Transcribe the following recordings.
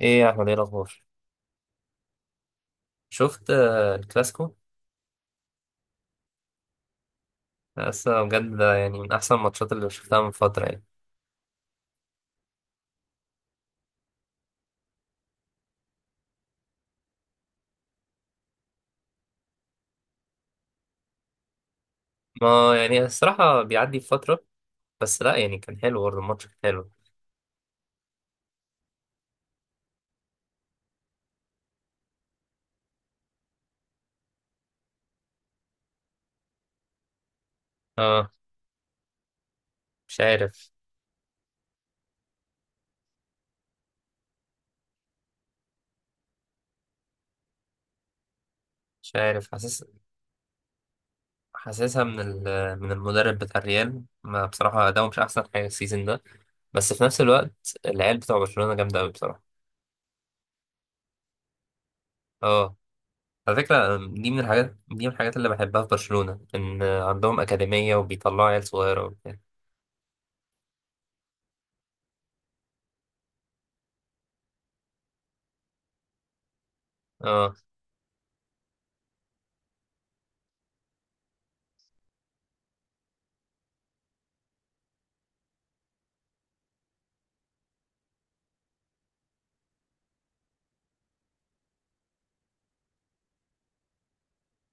ايه يا احمد، ايه الاخبار؟ شفت الكلاسيكو؟ لسه بجد، ده يعني من احسن الماتشات اللي شفتها من فتره يعني. ما يعني الصراحه بيعدي فتره. بس لا يعني كان حلو، برضه الماتش كان حلو. اه. مش عارف. مش عارف حاسس. حاسسها من من المدرب بتاع الريال، ما بصراحه ده مش احسن حاجه السيزون ده. بس في نفس الوقت العيال بتوع برشلونه جامده قوي بصراحه. اه. على فكره، دي من الحاجات اللي بحبها في برشلونه، ان عندهم اكاديميه وبيطلعوا عيال صغيره وبتاع. اه.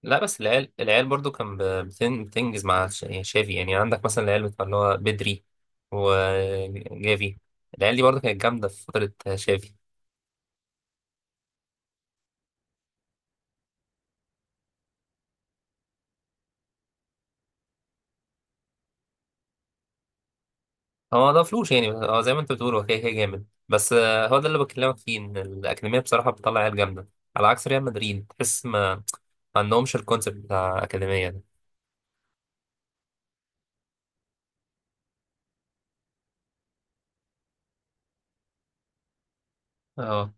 لا بس العيال برضو كان بتنجز مع يعني شافي. يعني عندك مثلا العيال بتاع اللي هو بدري وجافي. العيال دي برضو كانت جامدة في فترة شافي. هو ما ضافلوش، يعني هو زي ما انت بتقول هو كده كده جامد، بس هو ده اللي بكلمك فيه، ان الأكاديمية بصراحة بتطلع عيال جامدة. على عكس ريال مدريد، تحس ما عندهمش الكونسيبت بتاع الأكاديمية ده. اه.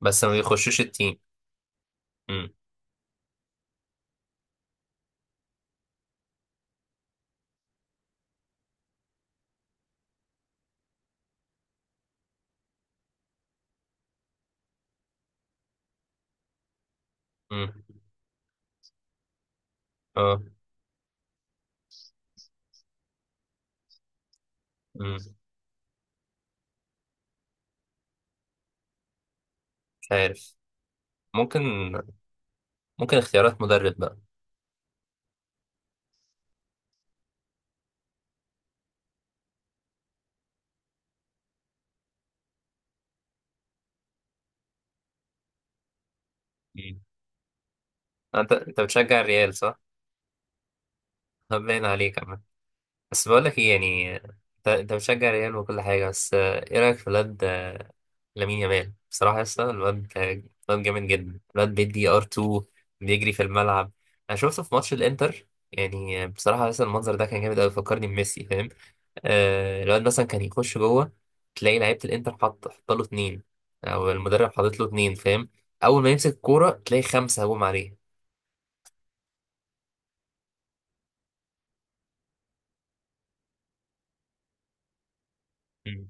بس ما بيخشوش التيم. امم. امم. اه. امم. مش عارف. ممكن ممكن اختيارات مدرب بقى. مم. انت بتشجع الريال صح؟ طب باين عليك عم. بس بقول لك ايه، يعني انت بتشجع ريال وكل حاجه، بس ايه رايك في الواد لامين يامال؟ بصراحه يا اسطى الواد الواد جامد جدا. الواد بيدي ار 2، بيجري في الملعب. انا شفته في ماتش الانتر، يعني بصراحه لسه المنظر ده كان جامد قوي، فكرني بميسي، فاهم؟ آه الواد مثلا كان يخش جوه، تلاقي لعيبه الانتر حط له اتنين، او المدرب حاطط له اتنين، فاهم؟ اول ما يمسك الكوره تلاقي خمسه هجوم عليه. مم.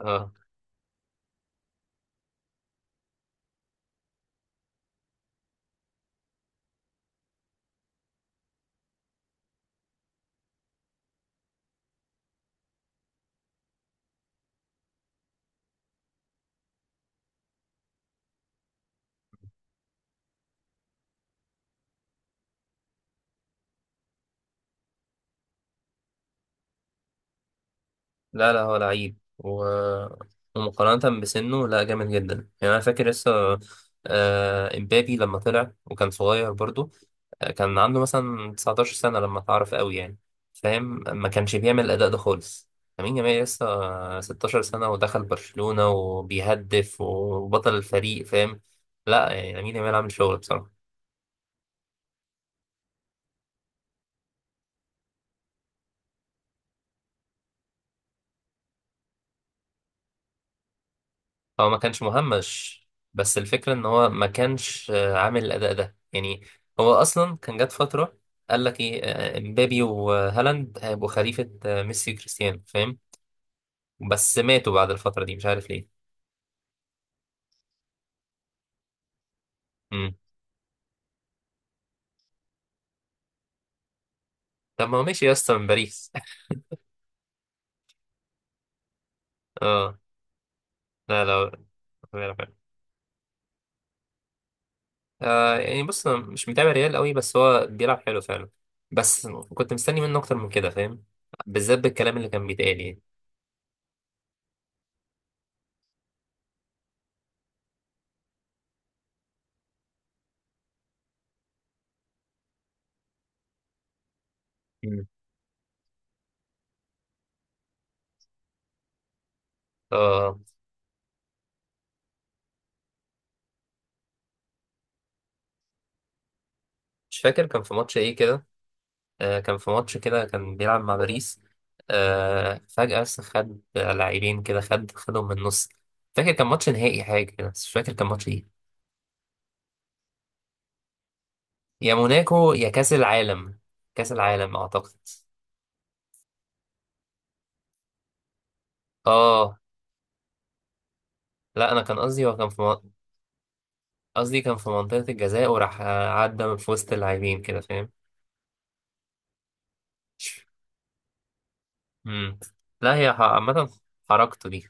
اه. لا لا، هو لعيب و... ومقارنة بسنه، لا جامد جدا. يعني أنا فاكر لسه إمبابي لما طلع وكان صغير برضو، كان عنده مثلا 19 سنة لما اتعرف قوي يعني، فاهم؟ ما كانش بيعمل الأداء ده خالص. لامين يامال لسه 16 سنة، ودخل برشلونة وبيهدف وبطل الفريق، فاهم؟ لا يعني لامين يامال عامل شغل بصراحة. هو ما كانش مهمش. بس الفكرة ان هو ما كانش عامل الاداء ده يعني. هو اصلا كان جات فترة قال لك ايه امبابي وهالاند هيبقوا خليفة ميسي وكريستيانو، فاهم؟ بس ماتوا بعد الفترة دي، مش عارف ليه. امم. طب ما هو ماشي يا اسطى من باريس. اه. لا لا، بيلعب حلو. آه يعني بص، أنا مش متابع ريال قوي، بس هو بيلعب حلو فعلا. بس كنت مستني منه اكتر من كده، فاهم؟ بالذات بالكلام اللي كان بيتقال يعني. مم. آه. مش فاكر كان في ماتش ايه كده، كان في ماتش كده كان بيلعب مع باريس، فجأة بس خد لاعبين كده، خدهم من النص. فاكر كان ماتش نهائي حاجة كده بس مش فاكر كان ماتش ايه. يا موناكو يا كأس العالم. كأس العالم أعتقد. اه. لا أنا كان قصدي هو كان في قصدي كان في منطقة الجزاء وراح عدى من في وسط اللاعبين كده، فاهم؟ مم. لا هي عامة حركته دي.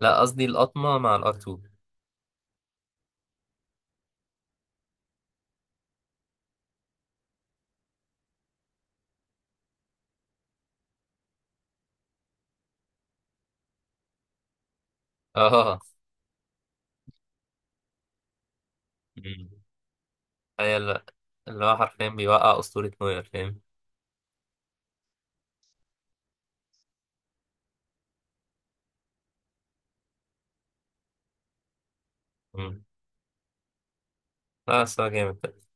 لا قصدي القطمة مع الار 2. اه. مم. هي اللي هو حرفيا بيوقع أسطورة نوير، فاهم؟ لا الصراحة جامد ده.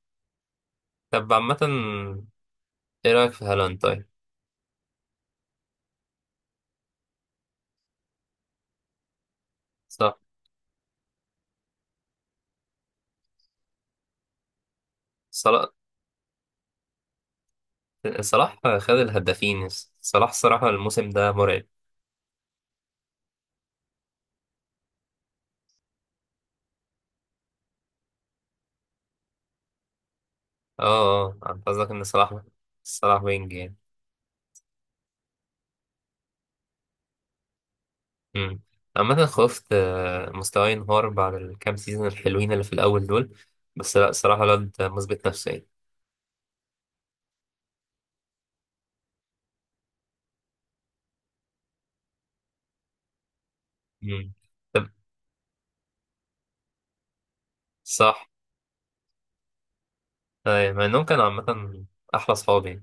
طب عامة ايه رأيك في هالاند طيب؟ صح. صلاح. صلاح خد الهدافين. صلاح الصراحة الموسم ده مرعب. اه اه، أنا قصدك ان صلاح. صلاح وينج يعني. أمم. عامة خفت مستواه ينهار بعد الكام سيزون الحلوين اللي في الأول دول. بس لا الصراحة الواد مثبت نفسه يعني. أمم. طب. صح. مع انهم كانوا عامة أحلى صحابي.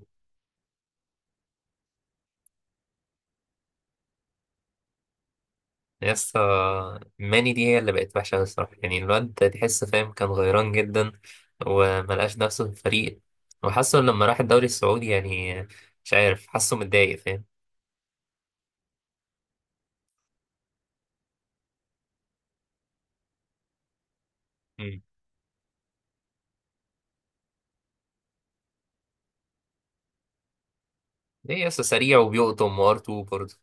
يس. ماني دي هي اللي بقت وحشة أوي الصراحة، يعني الواد ده تحس فاهم كان غيران جدا، وملقاش نفسه في الفريق، وحاسه لما راح الدوري السعودي يعني، مش عارف، حاسه متضايق فاهم. مم. ليه يس سريع وبيقطم وارتو برضه.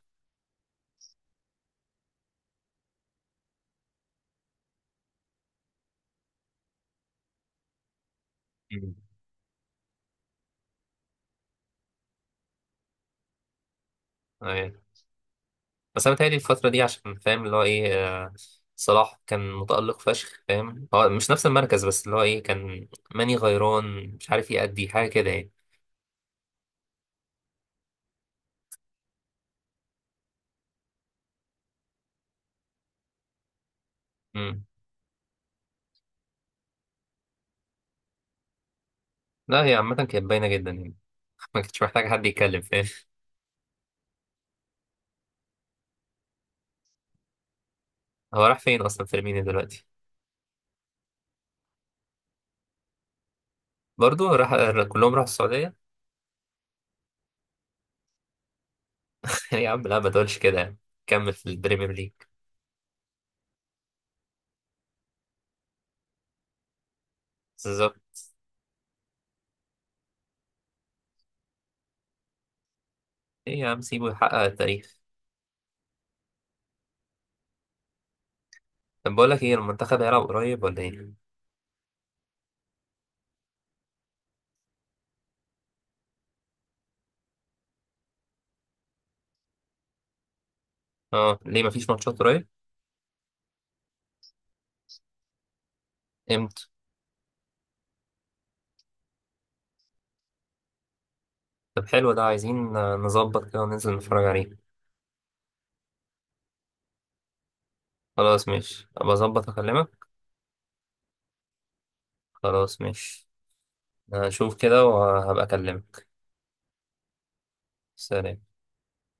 مم. أيوة. بس أنا متهيألي الفترة دي عشان فاهم اللي هو إيه، آه، صلاح كان متألق فشخ، فاهم؟ هو مش نفس المركز، بس اللي هو إيه كان ماني غيران، مش عارف يأدي حاجة كده يعني. مم. لا هي عامة كانت باينة جدا يعني. ما كنتش محتاج حد يتكلم، فاهم؟ هو راح فين اصلا فيرمينيو دلوقتي؟ برضه راح. كلهم راحوا السعوديه. يا عم لا ما تقولش كده يعني. كمل في البريمير ليج. بالظبط. ايه يا عم سيبه يحقق التاريخ. طب بقول لك ايه، المنتخب هيلعب قريب ولا ايه؟ اه ليه، مفيش ماتشات قريب؟ امتى؟ طب حلو، ده عايزين نظبط كده وننزل نتفرج عليه. خلاص ماشي، ابقى اظبط اكلمك. خلاص ماشي. هشوف كده وهبقى اكلمك. سلام.